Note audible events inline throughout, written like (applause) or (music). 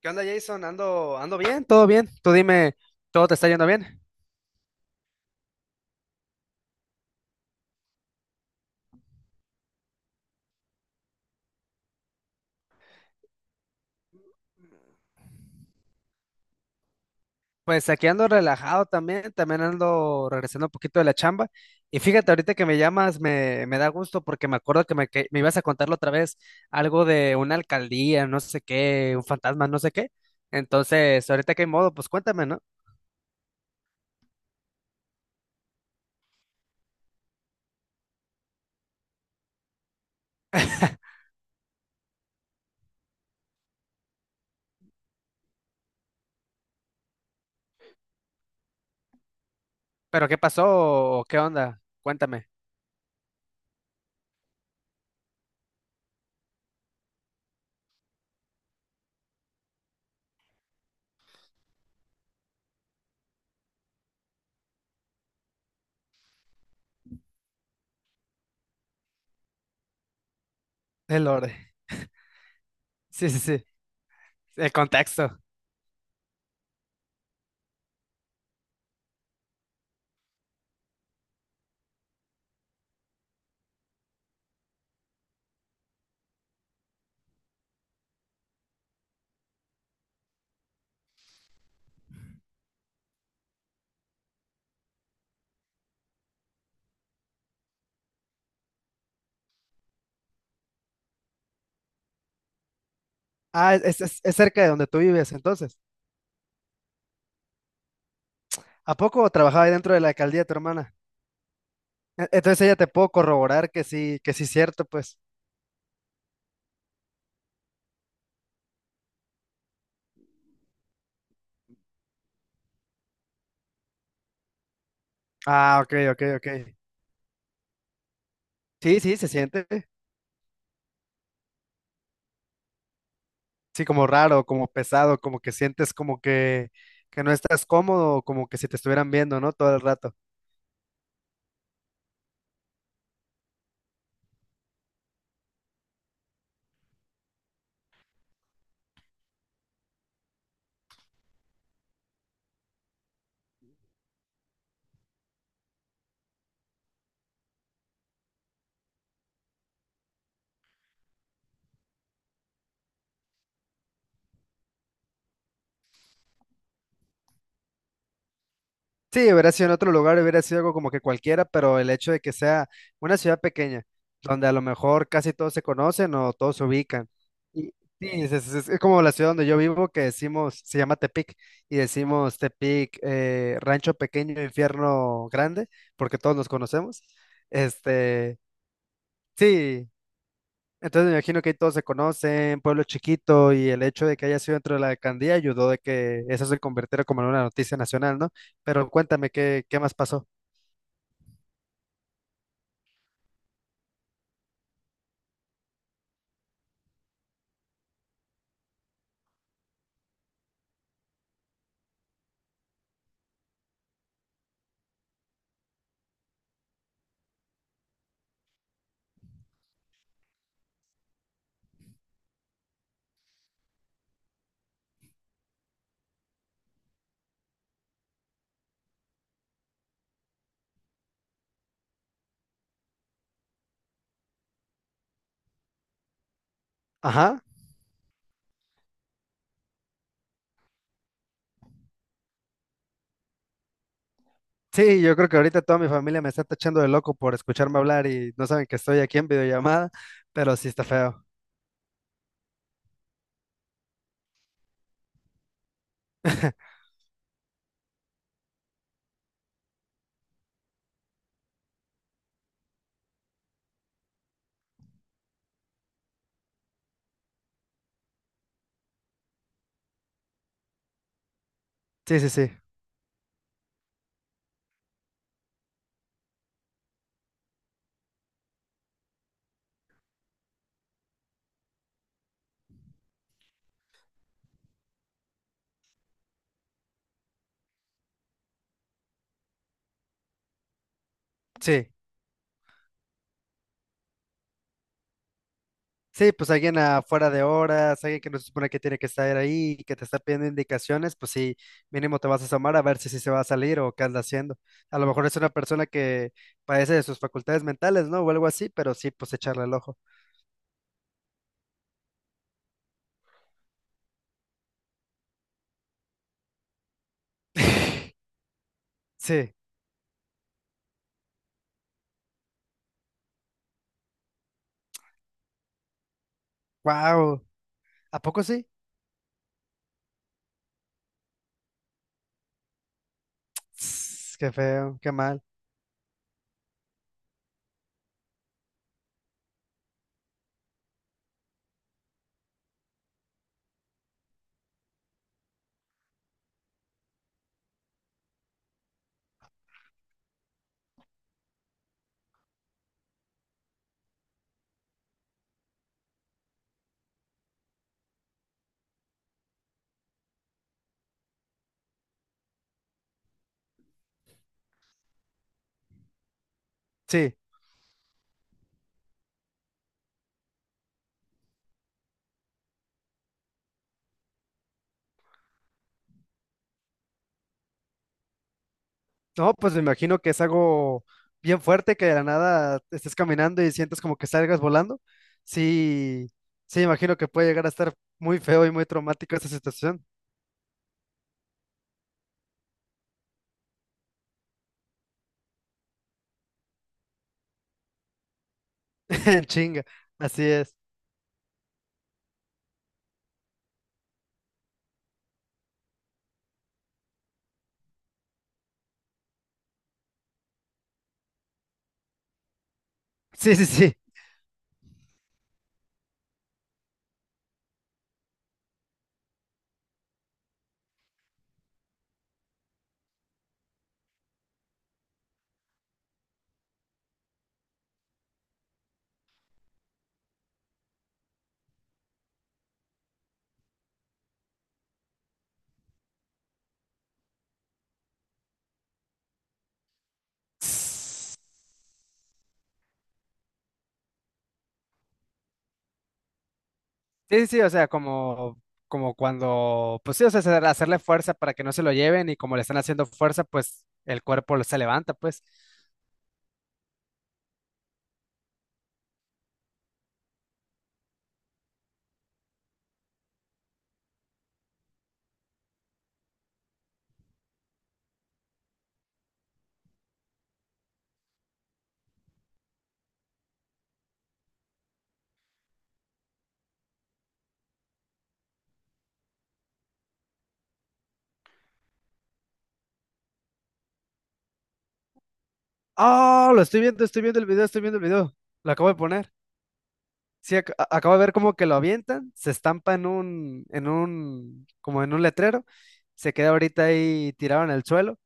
¿Qué onda, Jason? Ando bien, todo bien. Tú dime, ¿todo te está yendo bien? Pues aquí ando relajado también, también ando regresando un poquito de la chamba. Y fíjate, ahorita que me llamas, me da gusto porque me acuerdo que me ibas a contarlo otra vez, algo de una alcaldía, no sé qué, un fantasma, no sé qué. Entonces, ahorita que hay modo, pues cuéntame, ¿no? ¿Pero qué pasó o qué onda? Cuéntame. El orden. Sí, sí, sí. El contexto. Ah, es cerca de donde tú vives, entonces. ¿A poco trabajaba ahí dentro de la alcaldía tu hermana? Entonces ella te puedo corroborar que sí es cierto, pues. Ah, ok, ok, ok. Sí, sí, se siente. Sí, como raro, como pesado, como que sientes que no estás cómodo, como que si te estuvieran viendo, ¿no? Todo el rato. Sí, hubiera sido en otro lugar, hubiera sido algo como que cualquiera, pero el hecho de que sea una ciudad pequeña, donde a lo mejor casi todos se conocen o todos se ubican. Y sí, es como la ciudad donde yo vivo que decimos, se llama Tepic, y decimos Tepic, rancho pequeño, infierno grande, porque todos nos conocemos. Este, sí, entonces me imagino que ahí todos se conocen, pueblo chiquito, y el hecho de que haya sido dentro de la alcaldía ayudó de que eso se convirtiera como en una noticia nacional, ¿no? Pero cuéntame, ¿qué más pasó? Ajá. Sí, yo creo que ahorita toda mi familia me está tachando de loco por escucharme hablar y no saben que estoy aquí en videollamada, pero sí está feo. (laughs) Sí, sí, sí. Sí. Sí, pues alguien afuera de horas, alguien que no se supone que tiene que estar ahí y que te está pidiendo indicaciones, pues sí, mínimo te vas a asomar a ver si sí se va a salir o qué anda haciendo. A lo mejor es una persona que padece de sus facultades mentales, ¿no? O algo así, pero sí, pues echarle el ojo. (laughs) Sí. Wow. ¿A poco sí? Tss, qué feo, qué mal. Sí. No, pues me imagino que es algo bien fuerte que de la nada estés caminando y sientas como que salgas volando. Sí, sí, imagino que puede llegar a estar muy feo y muy traumático esa situación. (laughs) En chinga, así es. Sí, sí, sí. Sí, sí, sí, o sea, como, como cuando, pues sí, o sea, hacerle fuerza para que no se lo lleven y como le están haciendo fuerza, pues el se levanta, pues. Ah, lo estoy viendo el video, estoy viendo el video. Lo acabo de poner. Sí, acabo de ver como que lo avientan, se estampa como en un letrero, se queda ahorita ahí tirado en el suelo,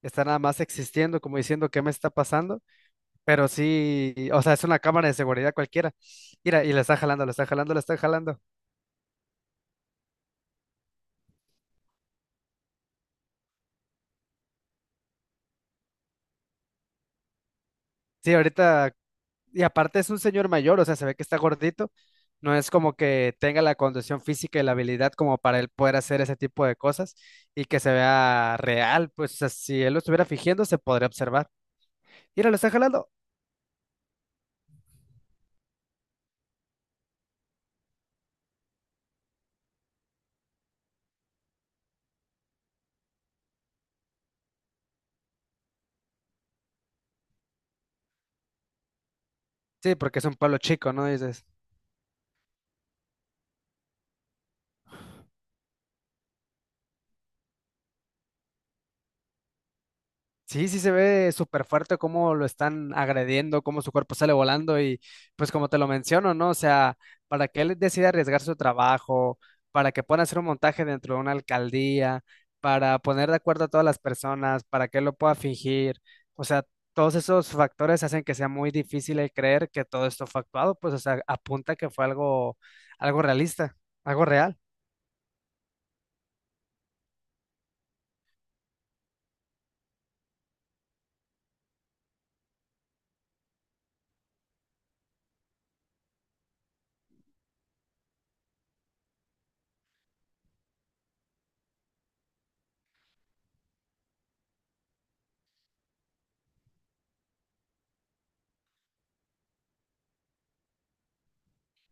está nada más existiendo, como diciendo qué me está pasando, pero sí, o sea, es una cámara de seguridad cualquiera. Mira, y le está jalando, le está jalando, le está jalando. Sí, ahorita, y aparte es un señor mayor, o sea, se ve que está gordito, no es como que tenga la condición física y la habilidad como para él poder hacer ese tipo de cosas y que se vea real, pues, o sea, si él lo estuviera fingiendo, se podría observar. Mira, lo está jalando. Sí, porque es un pueblo chico, ¿no? Dices, sí, sí se ve súper fuerte cómo lo están agrediendo, cómo su cuerpo sale volando y pues como te lo menciono, ¿no? O sea, para que él decida arriesgar su trabajo, para que pueda hacer un montaje dentro de una alcaldía, para poner de acuerdo a todas las personas, para que él lo pueda fingir, o sea, todos esos factores hacen que sea muy difícil el creer que todo esto fue actuado, pues, o sea, apunta que fue algo, algo realista, algo real.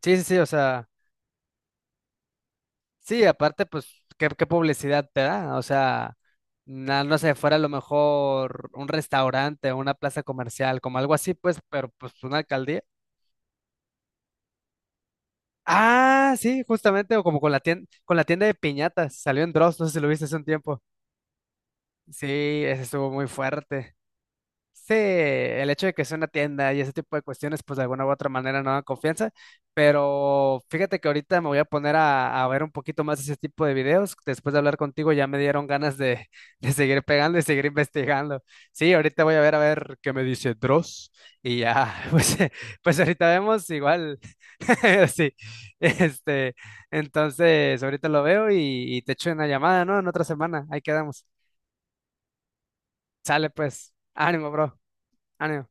Sí, sí, sí, o sea. Sí, aparte, pues, ¿qué publicidad te da? O sea, no sé, fuera a lo mejor un restaurante, una plaza comercial, como algo así, pues, pero pues una alcaldía. Ah, sí, justamente, o como con la tienda de piñatas, salió en Dross, no sé si lo viste hace un tiempo. Sí, ese estuvo muy fuerte. Sí, el hecho de que sea una tienda y ese tipo de cuestiones, pues de alguna u otra manera no dan confianza, pero fíjate que ahorita me voy a poner a ver un poquito más ese tipo de videos. Después de hablar contigo ya me dieron ganas (laughs) de seguir pegando y seguir investigando. Sí, ahorita voy a ver qué me dice Dross y ya, (laughs) pues, pues ahorita vemos igual. (laughs) Sí, este, entonces ahorita lo veo y te echo una llamada, ¿no? En otra semana, ahí quedamos. Sale pues, ánimo, bro, ánimo.